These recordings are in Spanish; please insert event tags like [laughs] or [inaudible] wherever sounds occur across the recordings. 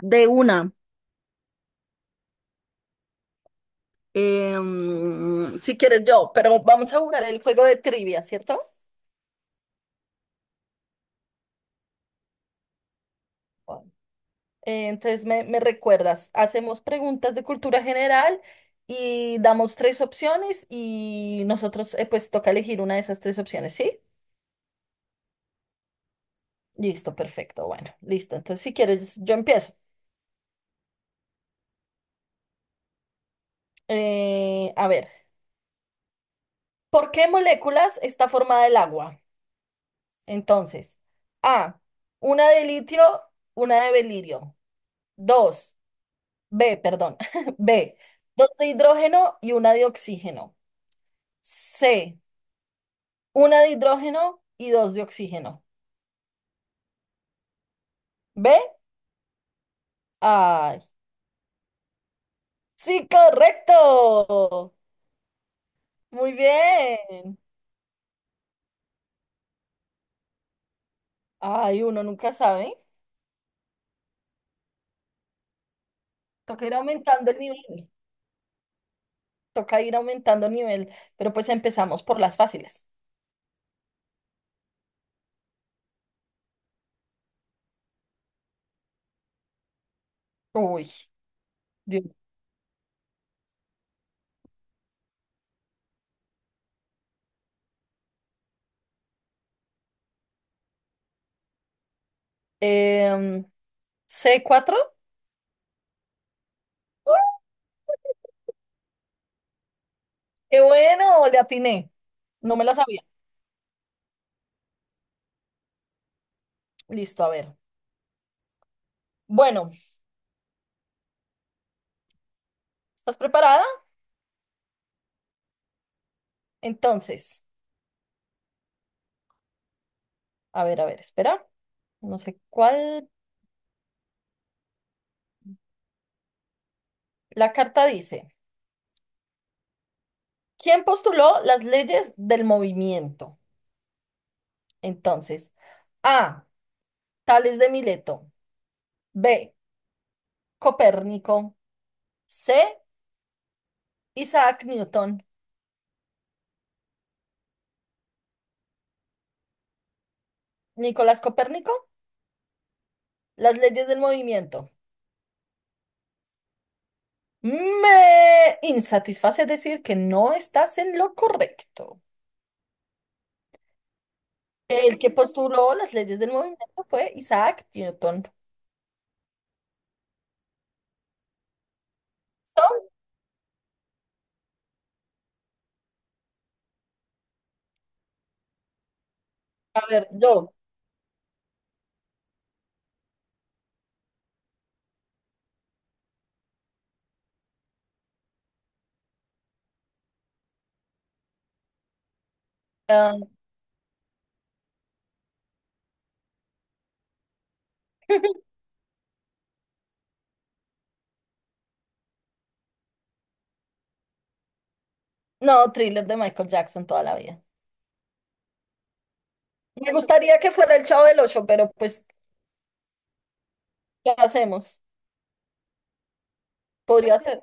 De una. Si quieres yo, pero vamos a jugar el juego de trivia, ¿cierto? Bueno. Entonces me recuerdas, hacemos preguntas de cultura general y damos tres opciones y nosotros pues toca elegir una de esas tres opciones, ¿sí? Listo, perfecto, bueno, listo. Entonces si quieres yo empiezo. A ver, ¿por qué moléculas está formada el agua? Entonces, A, una de litio, una de berilio. Dos. B, perdón. [laughs] B, dos de hidrógeno y una de oxígeno. C, una de hidrógeno y dos de oxígeno. B, ay. Sí, correcto. Muy bien. Ay, uno nunca sabe. Toca ir aumentando el nivel. Toca ir aumentando el nivel. Pero pues empezamos por las fáciles. Uy, Dios. Em, C cuatro. ¡Uh! ¡Qué bueno! Le atiné. No me la sabía. Listo, a ver. Bueno. ¿Estás preparada? Entonces, a ver, espera. No sé cuál. La carta dice, ¿quién postuló las leyes del movimiento? Entonces, A, Tales de Mileto, B, Copérnico, C, Isaac Newton. Nicolás Copérnico, las leyes del movimiento. Me insatisface decir que no estás en lo correcto. El que postuló las leyes del movimiento fue Isaac Newton. A ver, yo. Ah, [laughs] no, thriller de Michael Jackson toda la vida. Me gustaría que fuera el Chavo del Ocho, pero pues, ¿qué hacemos? Podría ser.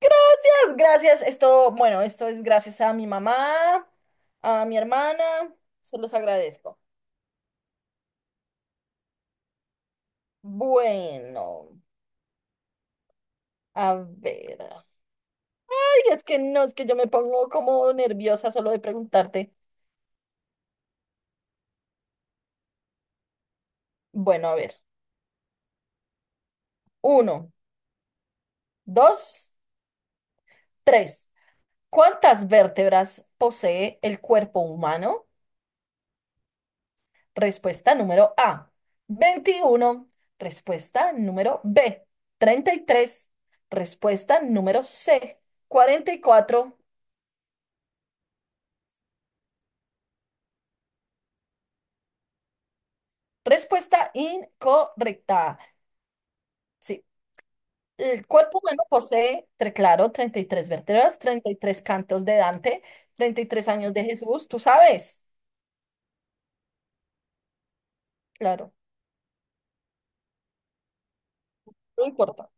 Gracias, gracias. Esto, bueno, esto es gracias a mi mamá, a mi hermana. Se los agradezco. Bueno, a ver. Ay, es que no, es que yo me pongo como nerviosa solo de preguntarte. Bueno, a ver. Uno, dos, tres. ¿Cuántas vértebras posee el cuerpo humano? Respuesta número A, 21. Respuesta número B, 33. Respuesta número C, 44. Respuesta incorrecta. Sí, el cuerpo humano posee, claro, 33 vértebras, 33 cantos de Dante, 33 años de Jesús, tú sabes, claro, no importa.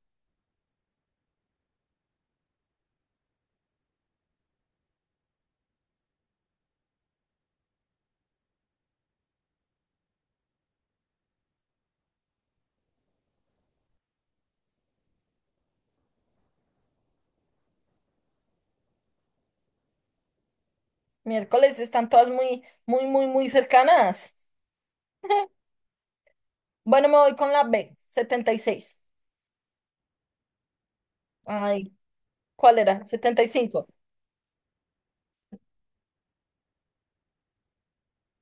Miércoles están todas muy, muy, muy, muy cercanas. [laughs] Bueno, me voy con la B, 76. Ay, ¿cuál era? 75.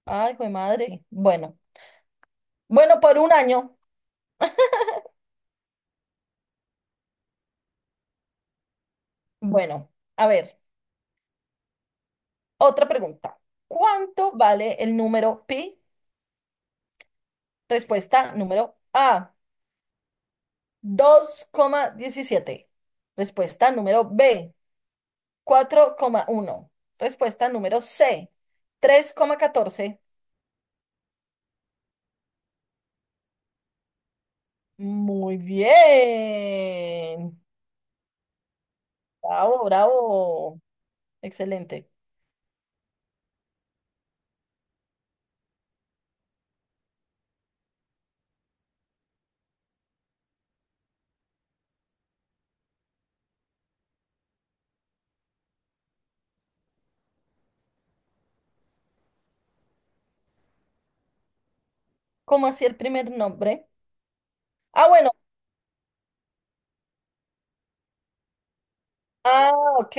Ay, jue madre. Bueno, bueno, por 1 año. Bueno, a ver, otra pregunta. ¿Cuánto vale el número pi? Respuesta número A, 2,17. Respuesta número B, 4,1. Respuesta número C, 3,14. Muy bien. Bravo, bravo. Excelente. ¿Cómo hacía el primer nombre? Ah, bueno. Ah, ok.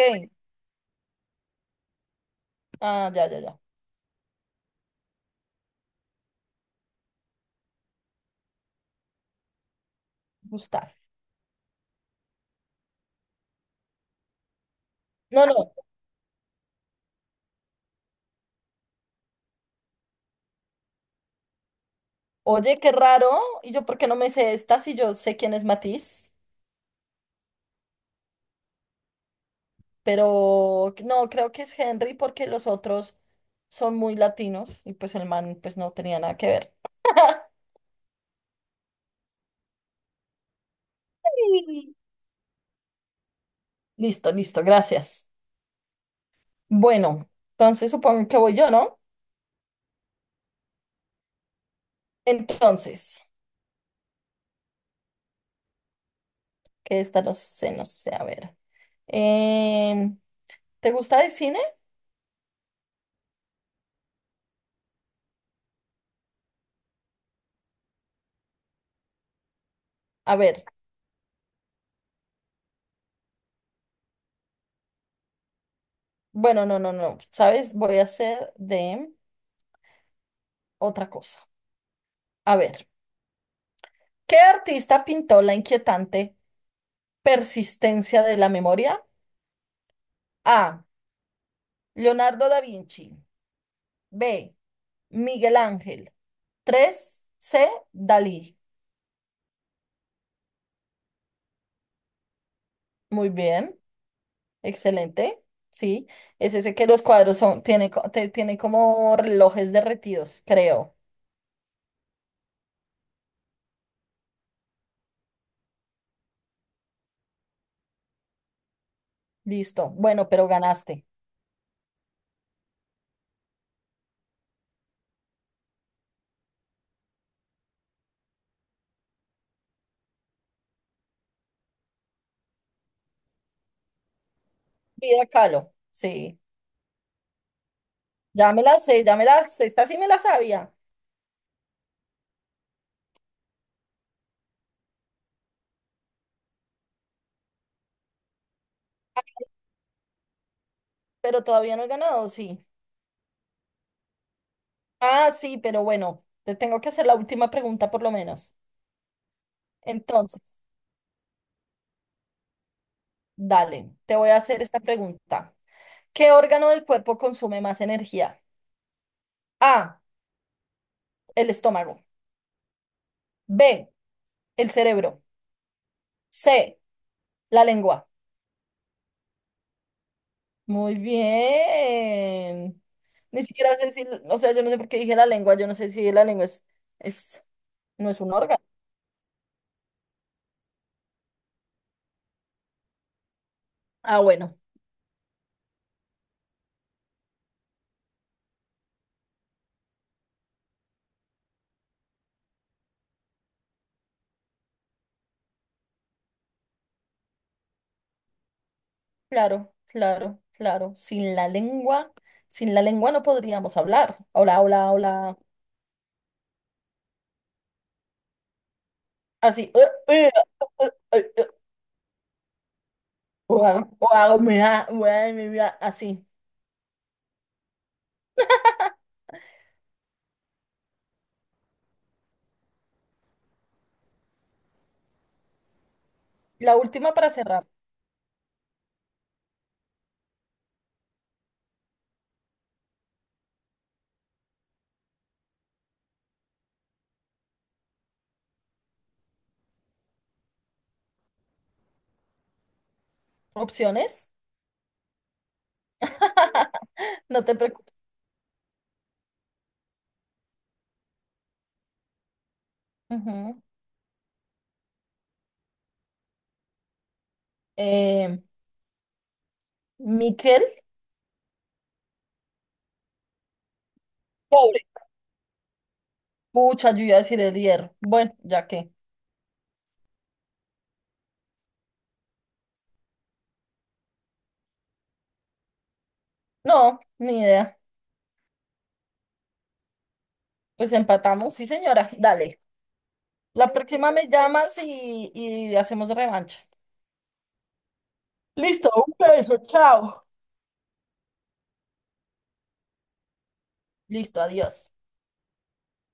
Ah, ya, ya, ya. Gustavo. No, no. Oye, qué raro. ¿Y yo por qué no me sé esta si yo sé quién es Matiz? Pero no, creo que es Henry porque los otros son muy latinos y pues el man pues no tenía nada que ver. [laughs] Sí. Listo, listo, gracias. Bueno, entonces supongo que voy yo, ¿no? Entonces, que esta no sé, no sé, a ver. Em, ¿Te gusta el cine? A ver, bueno, no, no, no, ¿sabes? Voy a hacer de otra cosa. A ver, ¿qué artista pintó la inquietante? Persistencia de la memoria. A, Leonardo da Vinci. B, Miguel Ángel. Tres C, Dalí. Muy bien, excelente. Sí, es ese que los cuadros son, tiene, tiene como relojes derretidos, creo. Listo. Bueno, pero ganaste. Vida Kahlo. Sí. Ya me la sé, ya me la sé. Esta sí me la sabía, pero todavía no he ganado, sí. Ah, sí, pero bueno, te tengo que hacer la última pregunta por lo menos. Entonces. Dale, te voy a hacer esta pregunta. ¿Qué órgano del cuerpo consume más energía? A, el estómago. B, el cerebro. C, la lengua. Muy bien. Ni siquiera sé si, o sea, yo no sé por qué dije la lengua, yo no sé si la lengua es, no es un órgano. Ah, bueno, claro, claro, claro. Sin la lengua, sin la lengua no podríamos hablar. Hola, hola, hola. Así. [laughs] O hago mi vida así. La última para cerrar. Opciones. No te preocupes. Ujú. Eh, níquel, pobre. Pucha, yo iba a decir el hierro. Bueno, ya que. No, ni idea. Pues empatamos, sí, señora. Dale. La próxima me llamas y hacemos revancha. Listo, un beso, chao. Listo, adiós.